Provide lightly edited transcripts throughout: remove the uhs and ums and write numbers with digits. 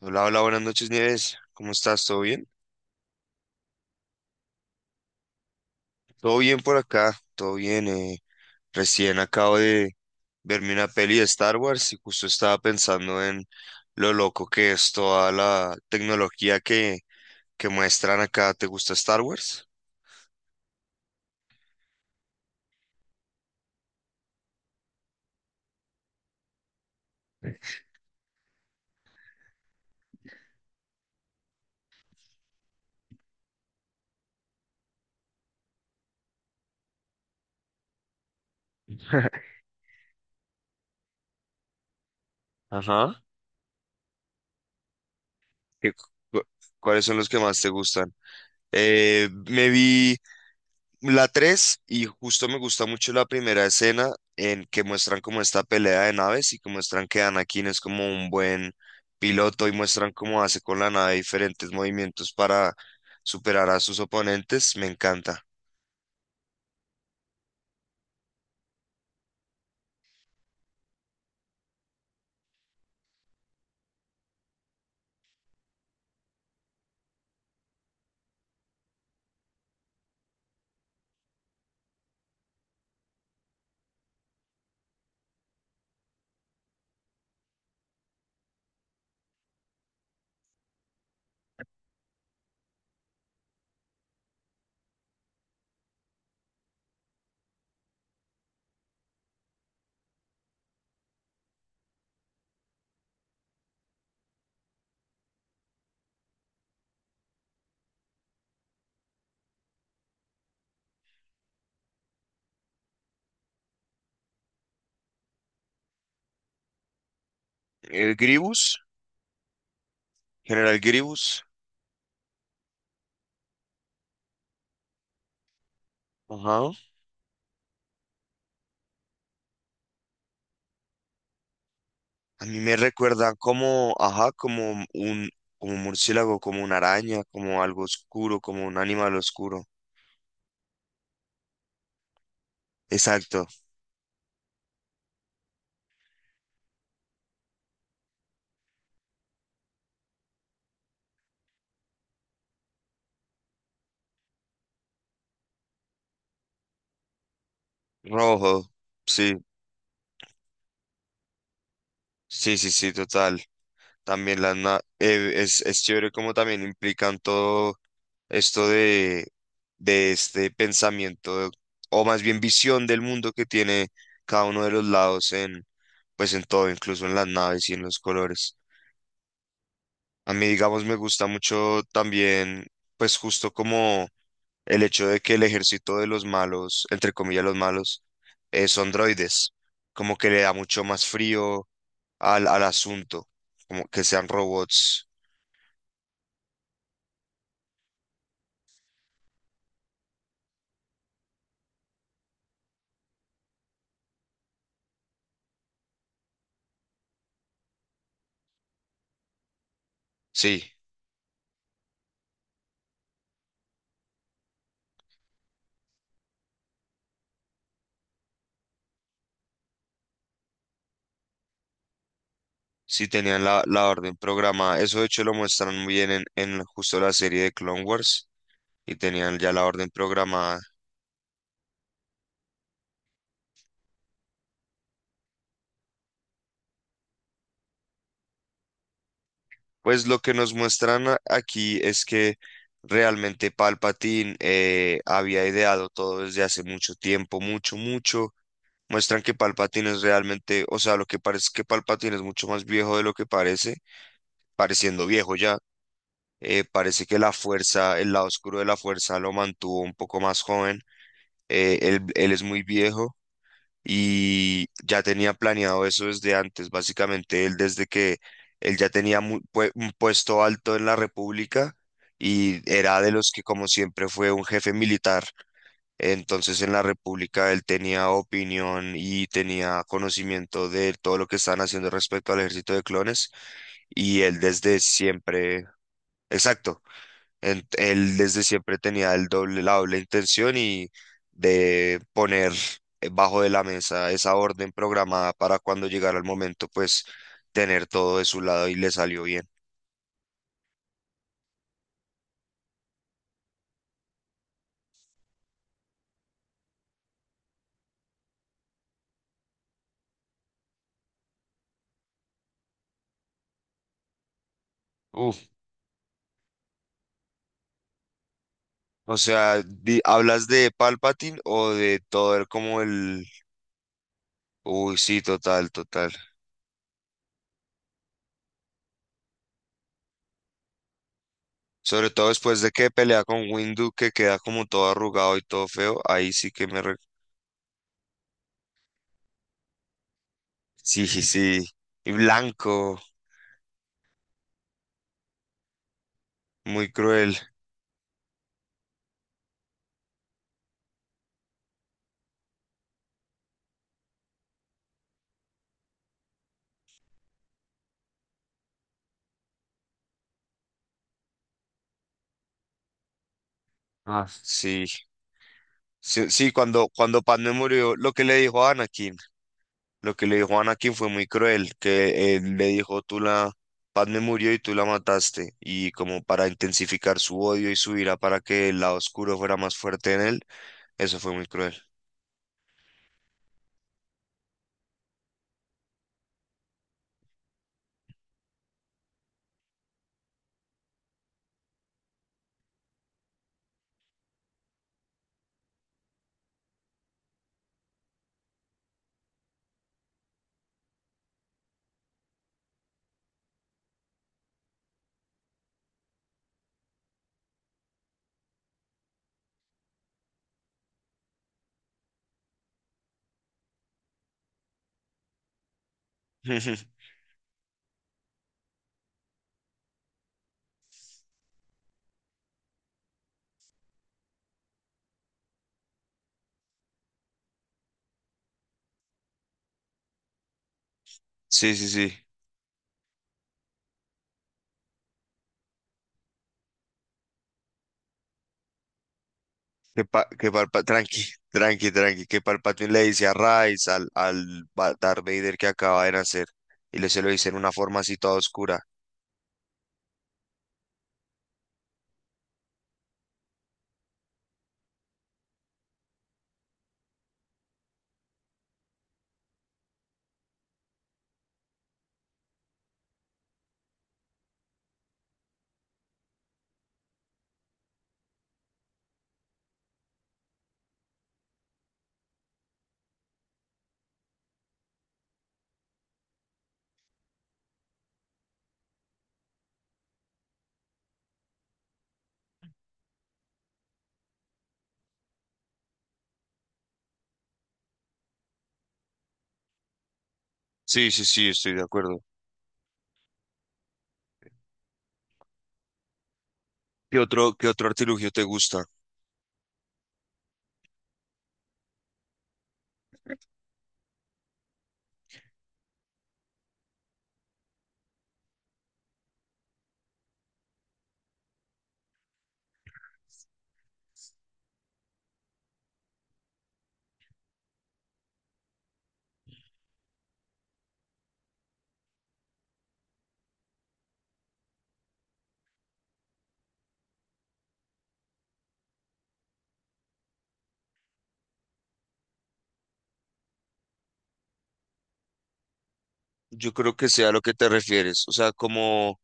Hola, hola, buenas noches, Nieves. ¿Cómo estás? ¿Todo bien? Todo bien por acá, todo bien. Recién acabo de verme una peli de Star Wars y justo estaba pensando en lo loco que es toda la tecnología que muestran acá. ¿Te gusta Star Wars? Ajá. ¿Qué cu- cu- ¿Cuáles son los que más te gustan? Me vi la 3 y justo me gusta mucho la primera escena en que muestran como esta pelea de naves y que muestran que Anakin es como un buen piloto y muestran cómo hace con la nave diferentes movimientos para superar a sus oponentes. Me encanta. El Grievous. General Grievous. Ajá. A mí me recuerda como, ajá, como un, murciélago, como una araña, como algo oscuro, como un animal oscuro. Exacto, rojo. Sí, sí, sí, sí, total. También es chévere como también implican todo esto de este pensamiento o más bien visión del mundo que tiene cada uno de los lados en pues en todo, incluso en las naves y en los colores. A mí, digamos, me gusta mucho también, pues justo como el hecho de que el ejército de los malos, entre comillas los malos, son droides, como que le da mucho más frío al asunto, como que sean robots. Sí. Sí, tenían la orden programada. Eso de hecho lo muestran muy bien en justo la serie de Clone Wars y tenían ya la orden programada. Pues lo que nos muestran aquí es que realmente Palpatine había ideado todo desde hace mucho tiempo, mucho, mucho. Muestran que Palpatine es realmente, o sea, lo que parece es que Palpatine es mucho más viejo de lo que parece, pareciendo viejo ya. Parece que la fuerza, el lado oscuro de la fuerza lo mantuvo un poco más joven. Él es muy viejo y ya tenía planeado eso desde antes. Básicamente, él desde que él ya tenía un puesto alto en la República y era de los que, como siempre, fue un jefe militar. Entonces, en la República él tenía opinión y tenía conocimiento de todo lo que estaban haciendo respecto al ejército de clones y él desde siempre, exacto. Él desde siempre tenía el doble, la doble intención y de poner bajo de la mesa esa orden programada para cuando llegara el momento, pues tener todo de su lado y le salió bien. Uf, o sea, ¿hablas de Palpatine o de todo el como el...? Uy, sí, total, total. Sobre todo después de que pelea con Windu, que queda como todo arrugado y todo feo, ahí sí que me... re- Sí, sí, sí. Y blanco, muy cruel. Ah. Sí. Sí, sí, cuando Padmé murió, lo que le dijo a Anakin, lo que le dijo a Anakin fue muy cruel, que le dijo, Padmé murió y tú la mataste, y como para intensificar su odio y su ira para que el lado oscuro fuera más fuerte en él, eso fue muy cruel. Sí, sí, sí, que, pa, que Palpa- tranqui, tranqui, tranqui, que Palpatine le dice a Rice, al Darth Vader que acaba de nacer, y le se lo dice en una forma así toda oscura. Sí, sí, sí, estoy de acuerdo. ¿Qué otro artilugio te gusta? Yo creo que sea lo que te refieres, o sea, como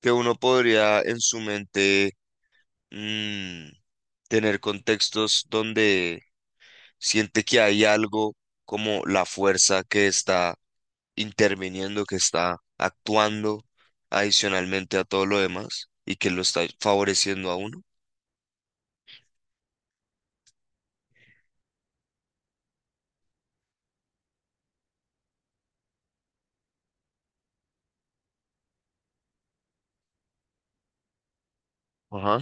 que uno podría en su mente mm, tener contextos donde siente que hay algo como la fuerza que está interviniendo, que está actuando adicionalmente a todo lo demás y que lo está favoreciendo a uno. Ajá,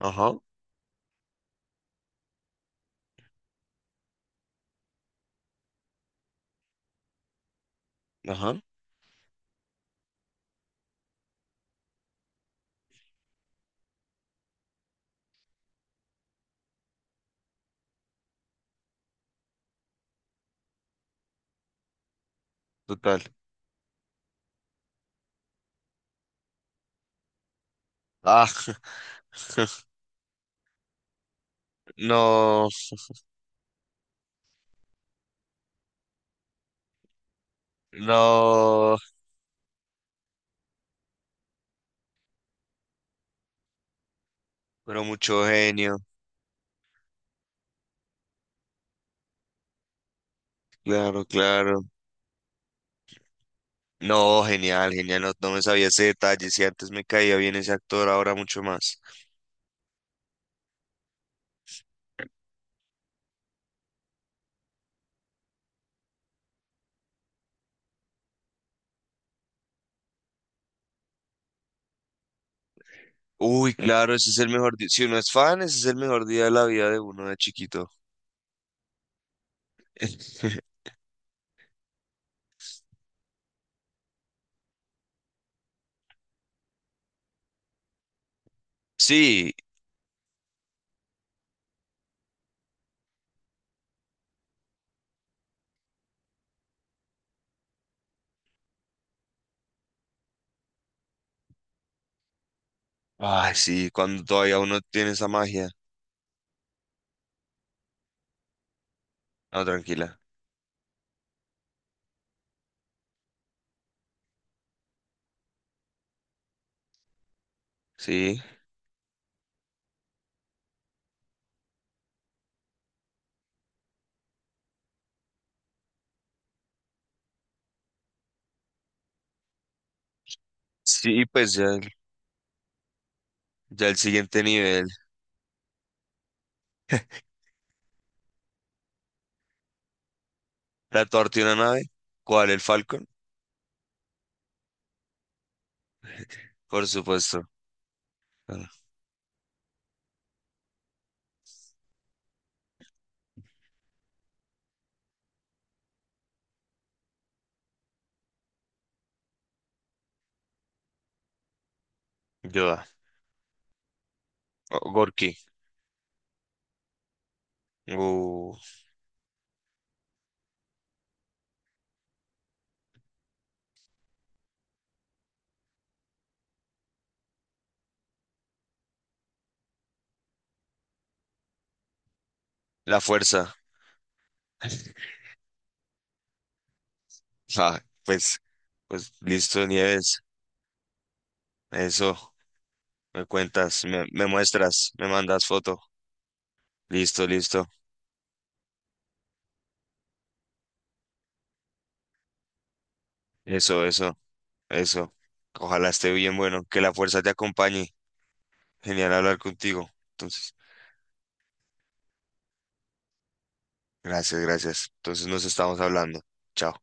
ajá, ajá, total. Ah, no, no, pero mucho genio, claro, claro. No, genial, genial, no, no me sabía ese detalle, si antes me caía bien ese actor, ahora mucho más. Uy, claro, ese es el mejor día, si uno es fan, ese es el mejor día de la vida de uno de chiquito. Sí, ay, sí, cuando todavía uno tiene esa magia. No, tranquila, sí. Sí, pues ya, ya el siguiente nivel. La torta y una nave, ¿cuál? ¿El Falcon? Por supuesto. Ah, Yoda. Gorky. Uh, la fuerza. Ah, pues listo, Nieves, eso. Me cuentas, me muestras, me mandas foto. Listo, listo. Eso, eso, eso. Ojalá esté bien, bueno, que la fuerza te acompañe. Genial hablar contigo. Entonces, gracias, gracias. Entonces nos estamos hablando. Chao.